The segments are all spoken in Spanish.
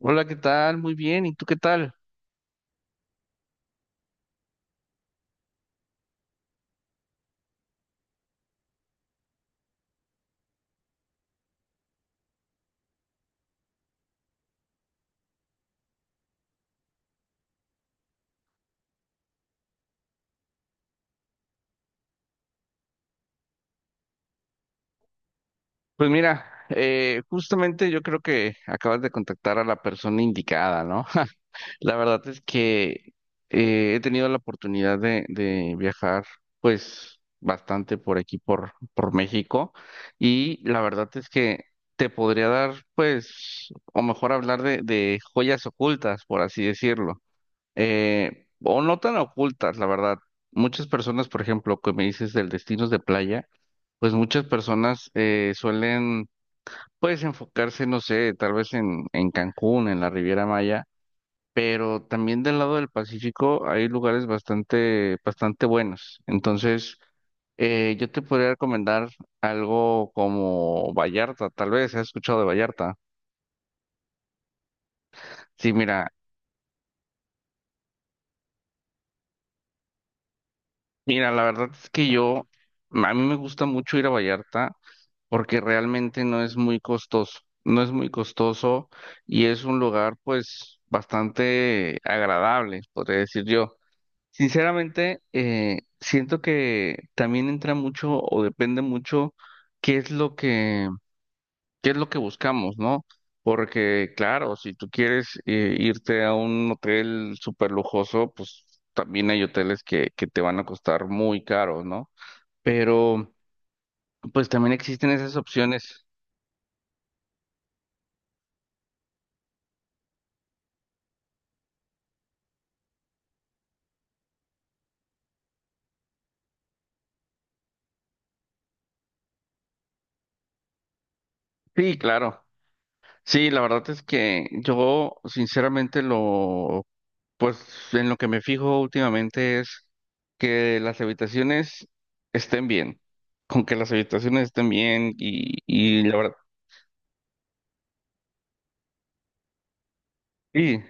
Hola, ¿qué tal? Muy bien, ¿y tú qué tal? Pues mira, justamente yo creo que acabas de contactar a la persona indicada, ¿no? La verdad es que he tenido la oportunidad de viajar, pues, bastante por aquí, por México, y la verdad es que te podría dar, pues, o mejor hablar de joyas ocultas, por así decirlo, o no tan ocultas, la verdad. Muchas personas, por ejemplo, que me dices del destinos de playa, pues muchas personas suelen, pues, enfocarse, no sé, tal vez en Cancún, en la Riviera Maya, pero también del lado del Pacífico hay lugares bastante buenos. Entonces, yo te podría recomendar algo como Vallarta, tal vez, ¿has escuchado de Vallarta? Sí, mira, mira, la verdad es que yo, a mí me gusta mucho ir a Vallarta porque realmente no es muy costoso, no es muy costoso y es un lugar pues bastante agradable, podría decir yo. Sinceramente, siento que también entra mucho o depende mucho qué es lo que, qué es lo que buscamos, ¿no? Porque claro, si tú quieres irte a un hotel súper lujoso, pues también hay hoteles que te van a costar muy caro, ¿no? Pero pues también existen esas opciones. Sí, claro. Sí, la verdad es que yo sinceramente lo, pues en lo que me fijo últimamente es que las habitaciones estén bien, con que las habitaciones estén bien y la verdad, sí,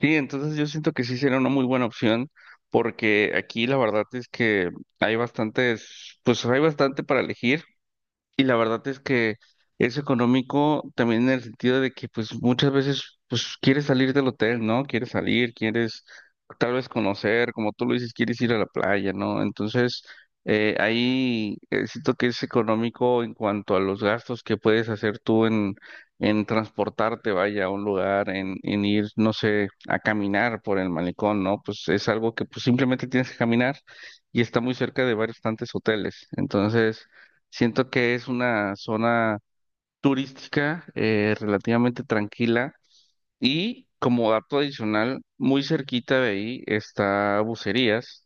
sí, entonces yo siento que sí sería una muy buena opción porque aquí la verdad es que hay bastantes, pues hay bastante para elegir. Y la verdad es que es económico también en el sentido de que pues muchas veces pues quieres salir del hotel, ¿no? Quieres salir, quieres tal vez conocer, como tú lo dices, quieres ir a la playa, ¿no? Entonces ahí siento que es económico en cuanto a los gastos que puedes hacer tú en transportarte, vaya, a un lugar, en ir, no sé, a caminar por el malecón, ¿no? Pues es algo que pues simplemente tienes que caminar y está muy cerca de varios tantos hoteles. Entonces… Siento que es una zona turística relativamente tranquila y como dato adicional, muy cerquita de ahí está Bucerías,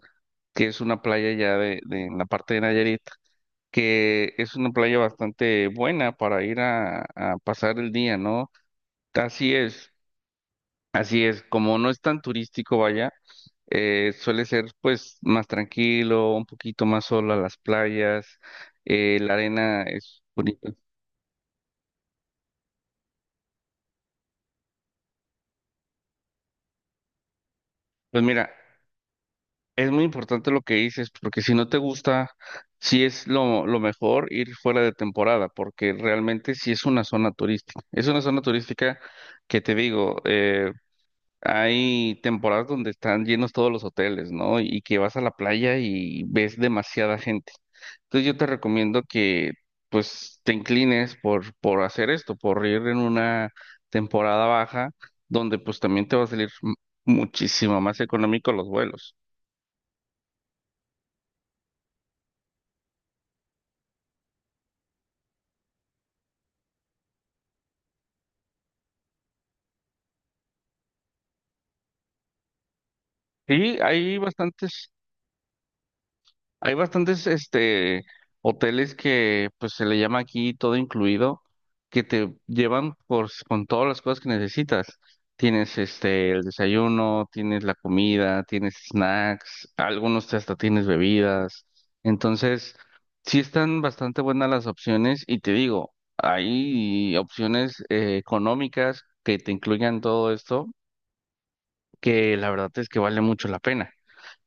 que es una playa ya en la parte de Nayarit, que es una playa bastante buena para ir a pasar el día, ¿no? Así es, así es, como no es tan turístico, vaya, suele ser pues más tranquilo, un poquito más solo a las playas, la arena es bonita. Pues mira, es muy importante lo que dices, porque si no te gusta, sí es lo mejor ir fuera de temporada, porque realmente sí es una zona turística. Es una zona turística que te digo, hay temporadas donde están llenos todos los hoteles, ¿no? Y que vas a la playa y ves demasiada gente. Entonces yo te recomiendo que pues te inclines por hacer esto, por ir en una temporada baja, donde pues también te va a salir muchísimo más económico los vuelos. Sí, hay bastantes hoteles que pues se le llama aquí todo incluido, que te llevan con todas las cosas que necesitas. Tienes el desayuno, tienes la comida, tienes snacks, algunos hasta tienes bebidas. Entonces, sí están bastante buenas las opciones y te digo, hay opciones económicas que te incluyan todo esto, que la verdad es que vale mucho la pena.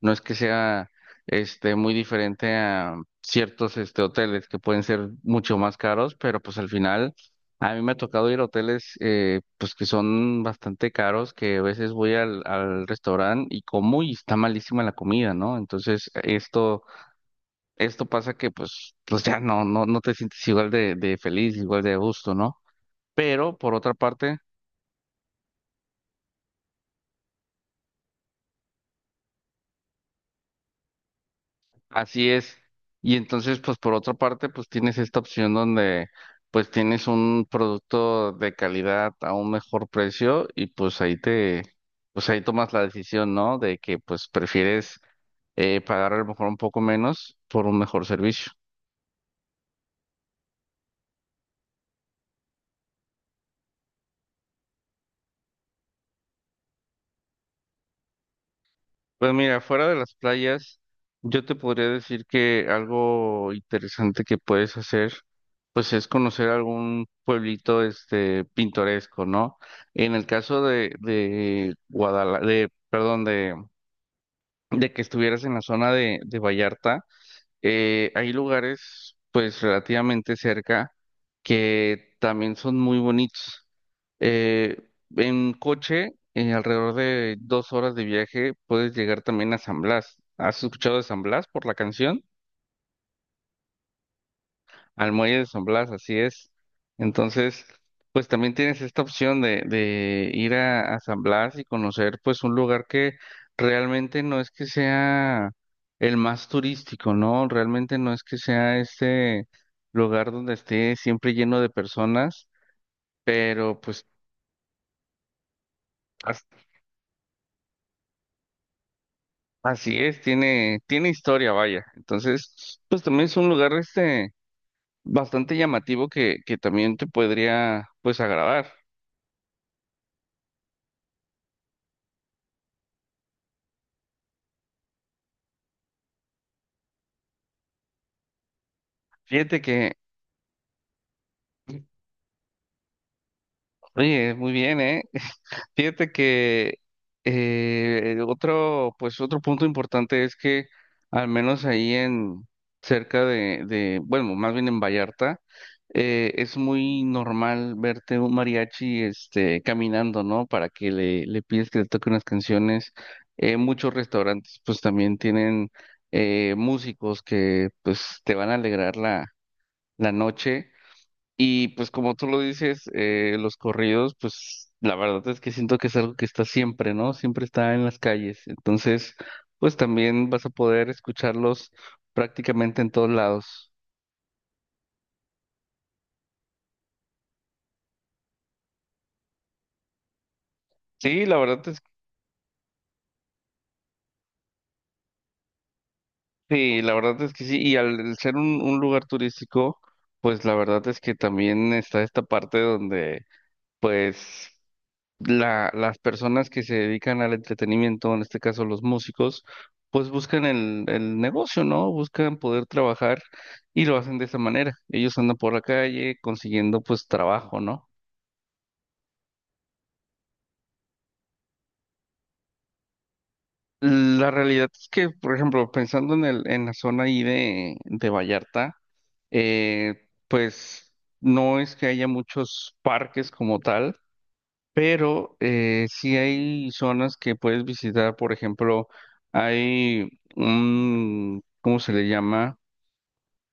No es que sea muy diferente a ciertos hoteles que pueden ser mucho más caros, pero pues al final a mí me ha tocado ir a hoteles pues que son bastante caros, que a veces voy al restaurante y como y está malísima la comida, ¿no? Entonces esto pasa que pues ya no te sientes igual de feliz, igual de a gusto, ¿no? Pero por otra parte… Así es. Y entonces, pues por otra parte, pues tienes esta opción donde pues tienes un producto de calidad a un mejor precio y pues ahí te, pues ahí tomas la decisión, ¿no? De que pues prefieres pagar a lo mejor un poco menos por un mejor servicio. Pues mira, fuera de las playas, yo te podría decir que algo interesante que puedes hacer pues es conocer algún pueblito pintoresco, ¿no? En el caso de de que estuvieras en la zona de Vallarta, hay lugares pues relativamente cerca que también son muy bonitos. Eh, en coche, en alrededor de 2 horas de viaje, puedes llegar también a San Blas. ¿Has escuchado de San Blas por la canción? Al muelle de San Blas, así es. Entonces, pues también tienes esta opción de ir a San Blas y conocer pues un lugar que realmente no es que sea el más turístico, ¿no? Realmente no es que sea lugar donde esté siempre lleno de personas, pero pues as- así es, tiene, tiene historia, vaya. Entonces, pues también es un lugar bastante llamativo que también te podría pues agradar. Fíjate que… Oye, muy bien, ¿eh? Fíjate que otro, pues otro punto importante es que al menos ahí en cerca bueno, más bien en Vallarta, es muy normal verte un mariachi, este, caminando, ¿no? Para que le pides que le toque unas canciones. Muchos restaurantes, pues también tienen músicos que, pues, te van a alegrar la noche. Y pues como tú lo dices, los corridos, pues la verdad es que siento que es algo que está siempre, ¿no? Siempre está en las calles. Entonces, pues también vas a poder escucharlos prácticamente en todos lados. Sí, la verdad es sí, la verdad es que sí. Y al ser un lugar turístico, pues la verdad es que también está esta parte donde pues las personas que se dedican al entretenimiento, en este caso los músicos, pues buscan el negocio, ¿no? Buscan poder trabajar y lo hacen de esa manera. Ellos andan por la calle consiguiendo pues trabajo, ¿no? La realidad es que, por ejemplo, pensando en el, en la zona ahí de Vallarta, pues no es que haya muchos parques como tal. Pero sí hay zonas que puedes visitar, por ejemplo, hay un, ¿cómo se le llama?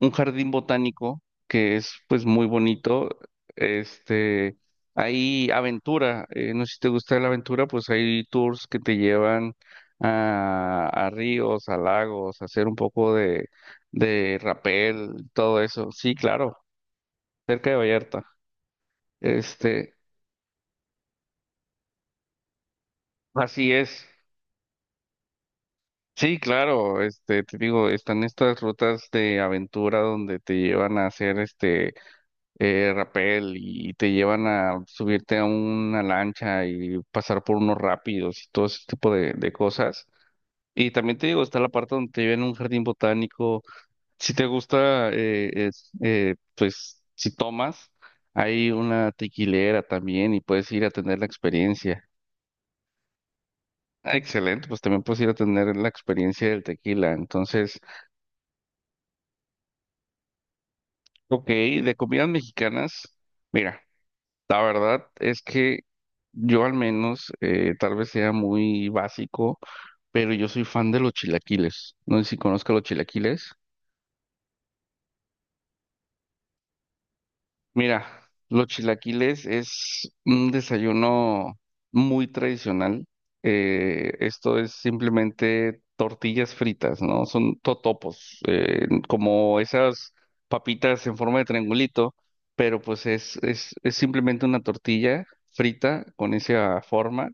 Un jardín botánico que es pues muy bonito. Este, hay aventura, no sé si te gusta la aventura, pues hay tours que te llevan a ríos, a lagos, a hacer un poco de rapel, todo eso. Sí, claro, cerca de Vallarta. Este, así es. Sí, claro, este, te digo, están estas rutas de aventura donde te llevan a hacer rapel y te llevan a subirte a una lancha y pasar por unos rápidos y todo ese tipo de cosas. Y también te digo, está la parte donde te llevan a un jardín botánico. Si te gusta, es, pues si tomas, hay una tequilera también y puedes ir a tener la experiencia. Ah, excelente, pues también puedes ir a tener la experiencia del tequila. Entonces, ok, de comidas mexicanas, mira, la verdad es que yo al menos, tal vez sea muy básico, pero yo soy fan de los chilaquiles. No sé si conozco los chilaquiles. Mira, los chilaquiles es un desayuno muy tradicional. Esto es simplemente tortillas fritas, ¿no? Son totopos, como esas papitas en forma de triangulito, pero pues es simplemente una tortilla frita con esa forma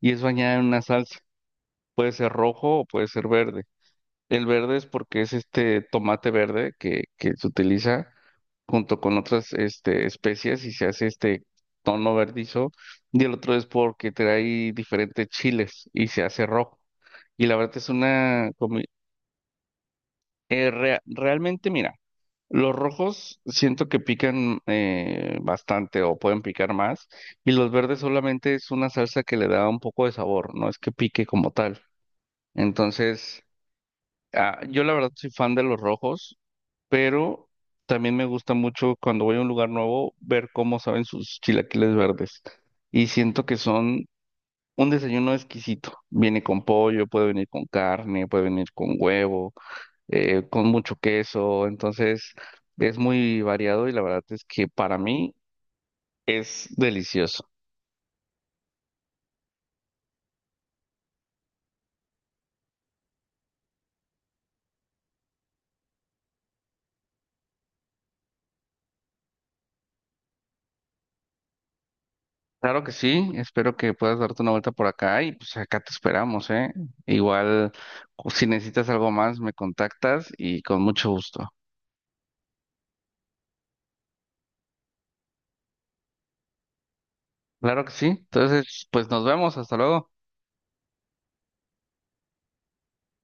y es bañada en una salsa. Puede ser rojo o puede ser verde. El verde es porque es este tomate verde que se utiliza junto con otras este, especies y se hace este tono verdizo. Y el otro es porque trae diferentes chiles y se hace rojo. Y la verdad es una… realmente, mira, los rojos siento que pican bastante o pueden picar más. Y los verdes solamente es una salsa que le da un poco de sabor, no es que pique como tal. Entonces… Ah, yo la verdad soy fan de los rojos, pero también me gusta mucho cuando voy a un lugar nuevo ver cómo saben sus chilaquiles verdes. Y siento que son un desayuno exquisito. Viene con pollo, puede venir con carne, puede venir con huevo, con mucho queso. Entonces es muy variado y la verdad es que para mí es delicioso. Claro que sí, espero que puedas darte una vuelta por acá y pues acá te esperamos, ¿eh? Igual, si necesitas algo más, me contactas y con mucho gusto. Claro que sí. Entonces, pues nos vemos. Hasta luego.